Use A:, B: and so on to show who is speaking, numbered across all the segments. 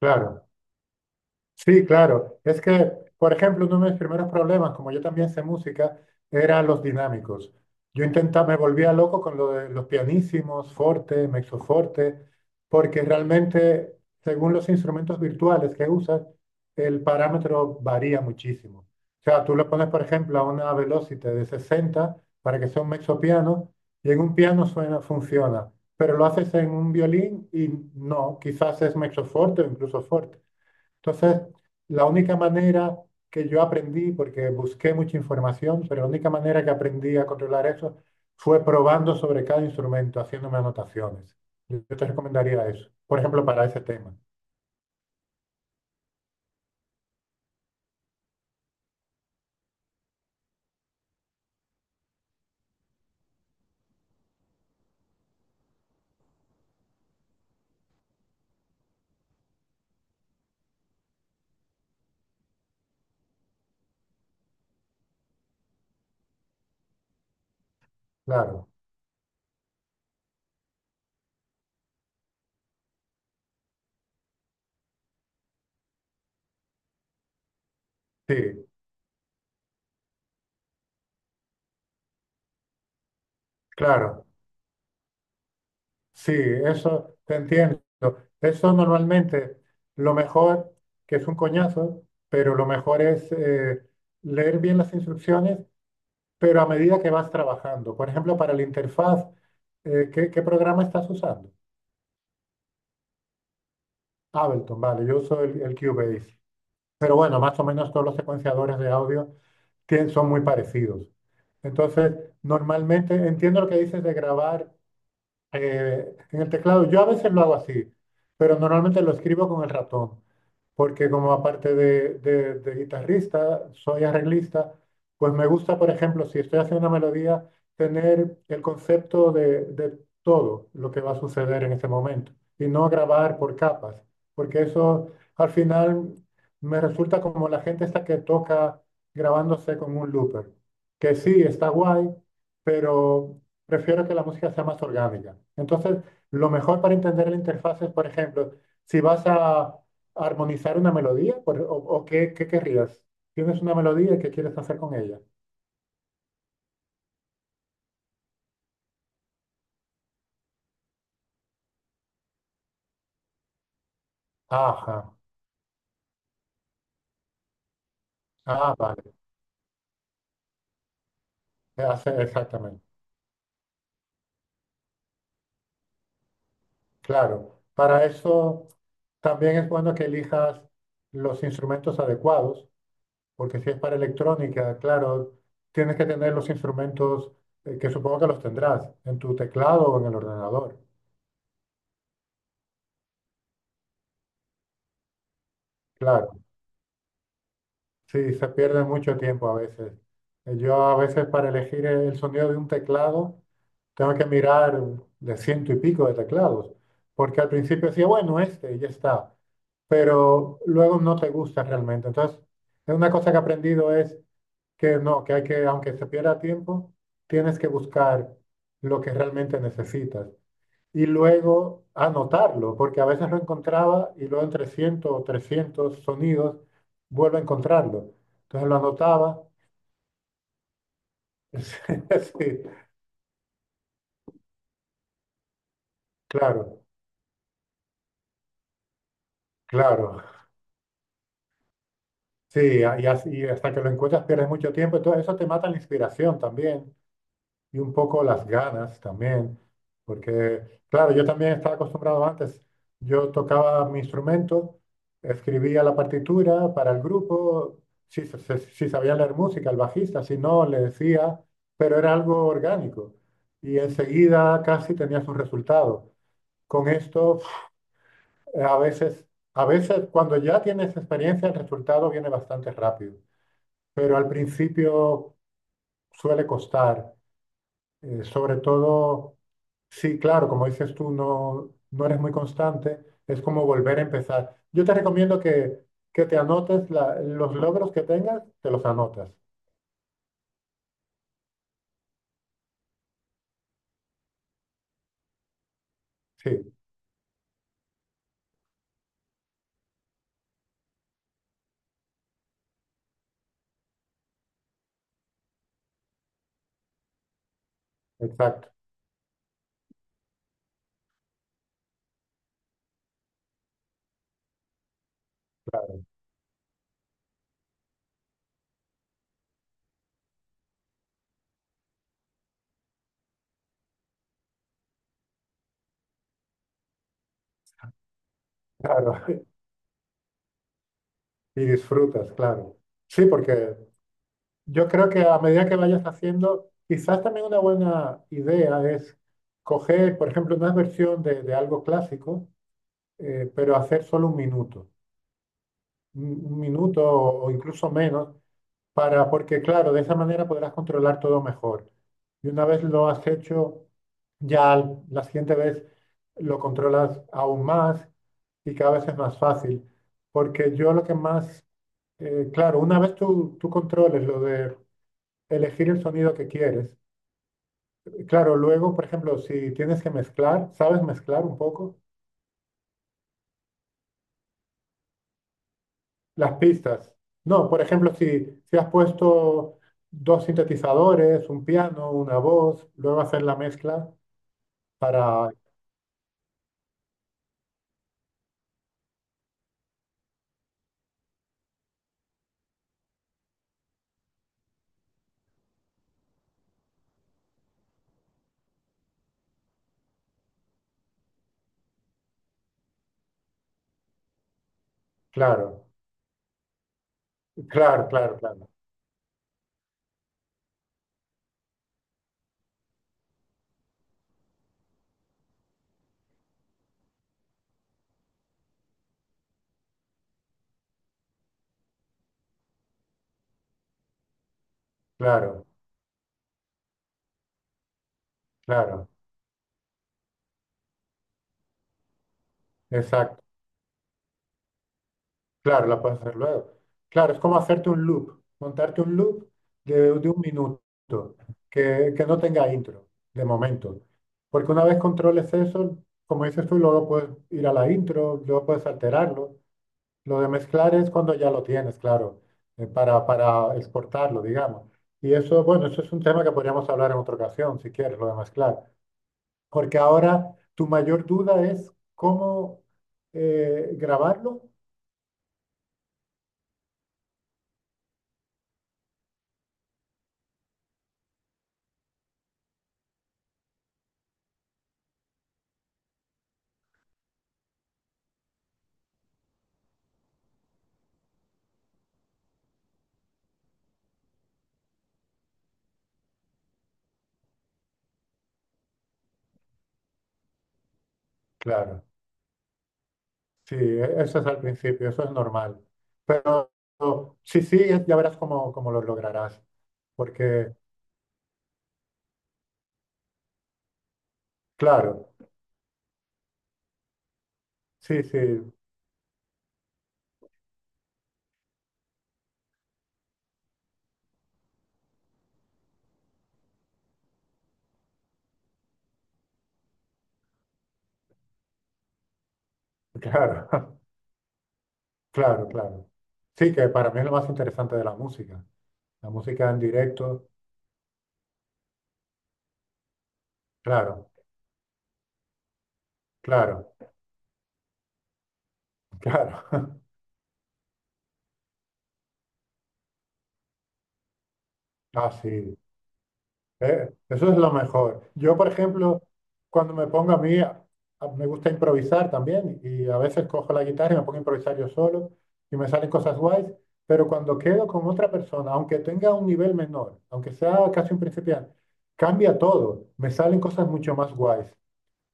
A: Claro, sí, claro. Es que, por ejemplo, uno de mis primeros problemas, como yo también sé música, eran los dinámicos. Yo intentaba, me volvía loco con lo de los pianísimos, forte, mezzoforte, porque realmente, según los instrumentos virtuales que usas, el parámetro varía muchísimo. O sea, tú le pones, por ejemplo, a una velocidad de 60 para que sea un mezzopiano, y en un piano suena, funciona, pero lo haces en un violín y no, quizás es mezzoforte o incluso forte. Entonces, la única manera que yo aprendí, porque busqué mucha información, pero la única manera que aprendí a controlar eso fue probando sobre cada instrumento, haciéndome anotaciones. Yo te recomendaría eso, por ejemplo, para ese tema. Claro, sí, claro, sí, eso te entiendo. Eso normalmente, lo mejor, que es un coñazo, pero lo mejor es leer bien las instrucciones, pero a medida que vas trabajando. Por ejemplo, para la interfaz, ¿qué programa estás usando? Ableton, vale, yo uso el Cubase. Pero bueno, más o menos todos los secuenciadores de audio son muy parecidos. Entonces, normalmente entiendo lo que dices de grabar en el teclado. Yo a veces lo hago así, pero normalmente lo escribo con el ratón, porque como aparte de guitarrista, soy arreglista, pues me gusta, por ejemplo, si estoy haciendo una melodía, tener el concepto de todo lo que va a suceder en ese momento y no grabar por capas, porque eso al final me resulta como la gente esta que toca grabándose con un looper, que sí, está guay, pero prefiero que la música sea más orgánica. Entonces, lo mejor para entender la interfaz es, por ejemplo, si vas a armonizar una melodía. ¿O qué querrías? ¿Tienes una melodía y qué quieres hacer con ella? Ajá, ah, vale. Exactamente. Claro, para eso también es bueno que elijas los instrumentos adecuados, porque si es para electrónica, claro, tienes que tener los instrumentos que supongo que los tendrás en tu teclado o en el ordenador. Claro. Sí, se pierde mucho tiempo a veces. Yo a veces para elegir el sonido de un teclado tengo que mirar de ciento y pico de teclados, porque al principio decía, bueno, este, y ya está, pero luego no te gusta realmente. Entonces, es una cosa que he aprendido, es que no, que hay que, aunque se pierda tiempo, tienes que buscar lo que realmente necesitas y luego anotarlo, porque a veces lo encontraba y luego en 300 o 300 sonidos vuelvo a encontrarlo. Entonces lo anotaba. Sí, claro, claro. Sí, y hasta que lo encuentras pierdes mucho tiempo. Entonces eso te mata la inspiración también, y un poco las ganas también, porque claro, yo también estaba acostumbrado antes, yo tocaba mi instrumento, escribía la partitura para el grupo, si, si sabía leer música, el bajista, si no, le decía, pero era algo orgánico y enseguida casi tenías un resultado. Con esto, a veces, cuando ya tienes experiencia, el resultado viene bastante rápido, pero al principio suele costar. Sobre todo, sí, claro, como dices tú, no, no eres muy constante, es como volver a empezar. Yo te recomiendo que te anotes los logros que tengas, te los anotas. Sí, exacto, claro. Y disfrutas, claro. Sí, porque yo creo que a medida que vayas haciendo, quizás también una buena idea es coger, por ejemplo, una versión de algo clásico, pero hacer solo un minuto, un minuto o incluso menos. Porque claro, de esa manera podrás controlar todo mejor. Y una vez lo has hecho, ya la siguiente vez lo controlas aún más y cada vez es más fácil. Porque yo lo que más, claro, una vez tú, controles lo de elegir el sonido que quieres, claro, luego, por ejemplo, si tienes que mezclar, ¿sabes mezclar un poco? Las pistas. No, por ejemplo, si has puesto dos sintetizadores, un piano, una voz, luego hacer la mezcla. Para, claro, claro, claro, claro, claro, claro, exacto, claro, la puedes hacer luego. Claro, es como hacerte un loop, montarte un loop de un minuto, que no tenga intro, de momento. Porque una vez controles eso, como dices tú, luego puedes ir a la intro, luego puedes alterarlo. Lo de mezclar es cuando ya lo tienes, claro, para exportarlo, digamos. Y eso, bueno, eso es un tema que podríamos hablar en otra ocasión, si quieres, lo de mezclar. Porque ahora tu mayor duda es cómo grabarlo. Claro, sí, eso es al principio, eso es normal. Pero sí, sí, ya verás cómo lo lograrás. Porque, claro, sí, sí, claro, claro, claro. Sí, que para mí es lo más interesante de la música. La música en directo, claro, claro, claro. Ah, sí. Eso es lo mejor. Yo, por ejemplo, cuando me pongo a mí, me gusta improvisar también y a veces cojo la guitarra y me pongo a improvisar yo solo y me salen cosas guays, pero cuando quedo con otra persona, aunque tenga un nivel menor, aunque sea casi un principiante, cambia todo, me salen cosas mucho más guays,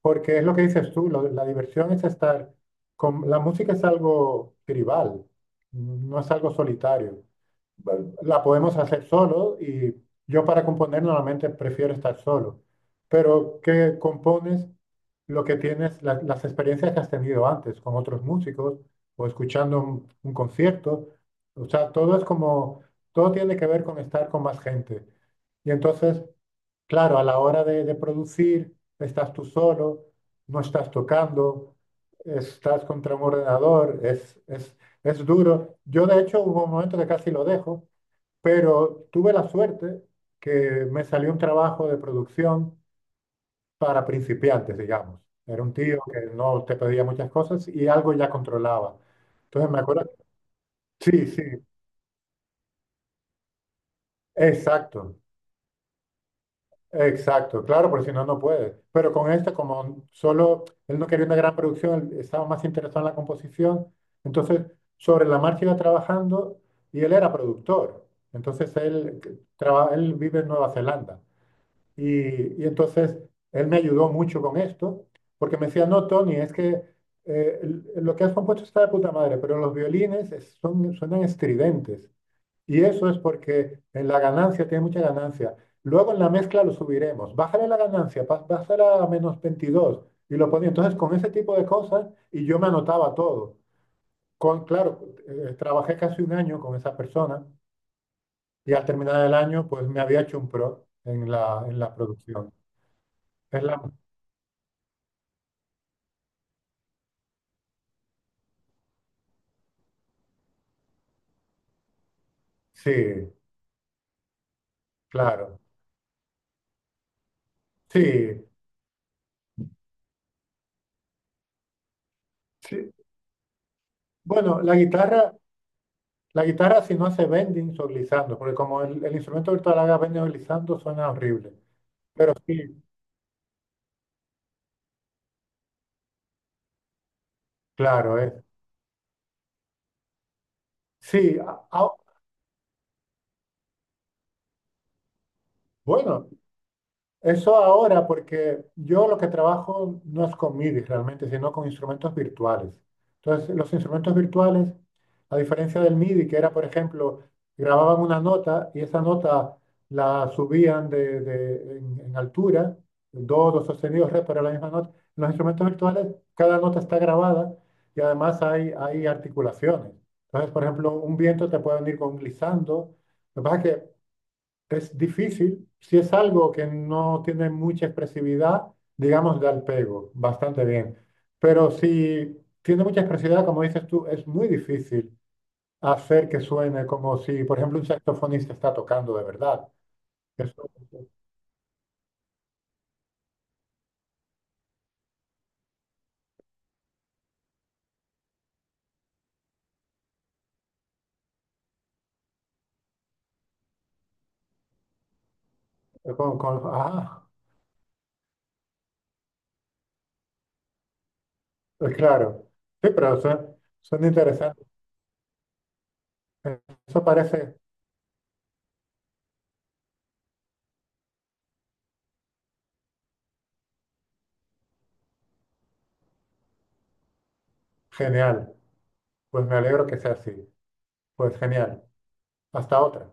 A: porque es lo que dices tú, la diversión es estar con... La música es algo tribal, no es algo solitario. La podemos hacer solo y yo para componer normalmente prefiero estar solo, pero que compones lo que tienes, las experiencias que has tenido antes con otros músicos o escuchando un concierto. O sea, todo es como, todo tiene que ver con estar con más gente. Y entonces, claro, a la hora de producir, estás tú solo, no estás tocando, estás contra un ordenador, es, es duro. Yo, de hecho, hubo un momento que casi lo dejo, pero tuve la suerte que me salió un trabajo de producción para principiantes, digamos. Era un tío que no te pedía muchas cosas y algo ya controlaba. Entonces me acuerdo, sí, sí, exacto, exacto, claro, porque si no, no puedes. Pero con este, como solo él no quería una gran producción, él estaba más interesado en la composición, entonces sobre la marcha iba trabajando y él era productor. Entonces él, él vive en Nueva Zelanda. Y entonces él me ayudó mucho con esto, porque me decía, no, Tony, es que lo que has compuesto está de puta madre, pero los violines son, suenan estridentes. Y eso es porque en la ganancia tiene mucha ganancia. Luego en la mezcla lo subiremos. Bájale la ganancia, bájala a menos 22. Y lo ponía. Entonces con ese tipo de cosas, y yo me anotaba todo. Claro, trabajé casi un año con esa persona y al terminar el año, pues me había hecho un pro en la producción. Es la, Sí, claro. Sí, sí. Bueno, la guitarra, si no hace bending o glissando, porque como el, instrumento virtual haga bending o glissando suena horrible. Pero sí, claro, es. Sí, bueno, eso ahora, porque yo lo que trabajo no es con MIDI realmente, sino con instrumentos virtuales. Entonces, los instrumentos virtuales, a diferencia del MIDI, que era, por ejemplo, grababan una nota y esa nota la subían en, altura, do, do sostenido, re, pero la misma nota. En los instrumentos virtuales, cada nota está grabada y además hay articulaciones. Entonces, por ejemplo, un viento te puede venir con un glissando. Lo que pasa es que es difícil, si es algo que no tiene mucha expresividad, digamos, da el pego bastante bien. Pero si tiene mucha expresividad, como dices tú, es muy difícil hacer que suene como si, por ejemplo, un saxofonista está tocando de verdad. Eso, ah, claro. Sí, pero son, interesantes. Eh, Eso parece genial. Pues me alegro que sea así. Pues genial. Hasta otra.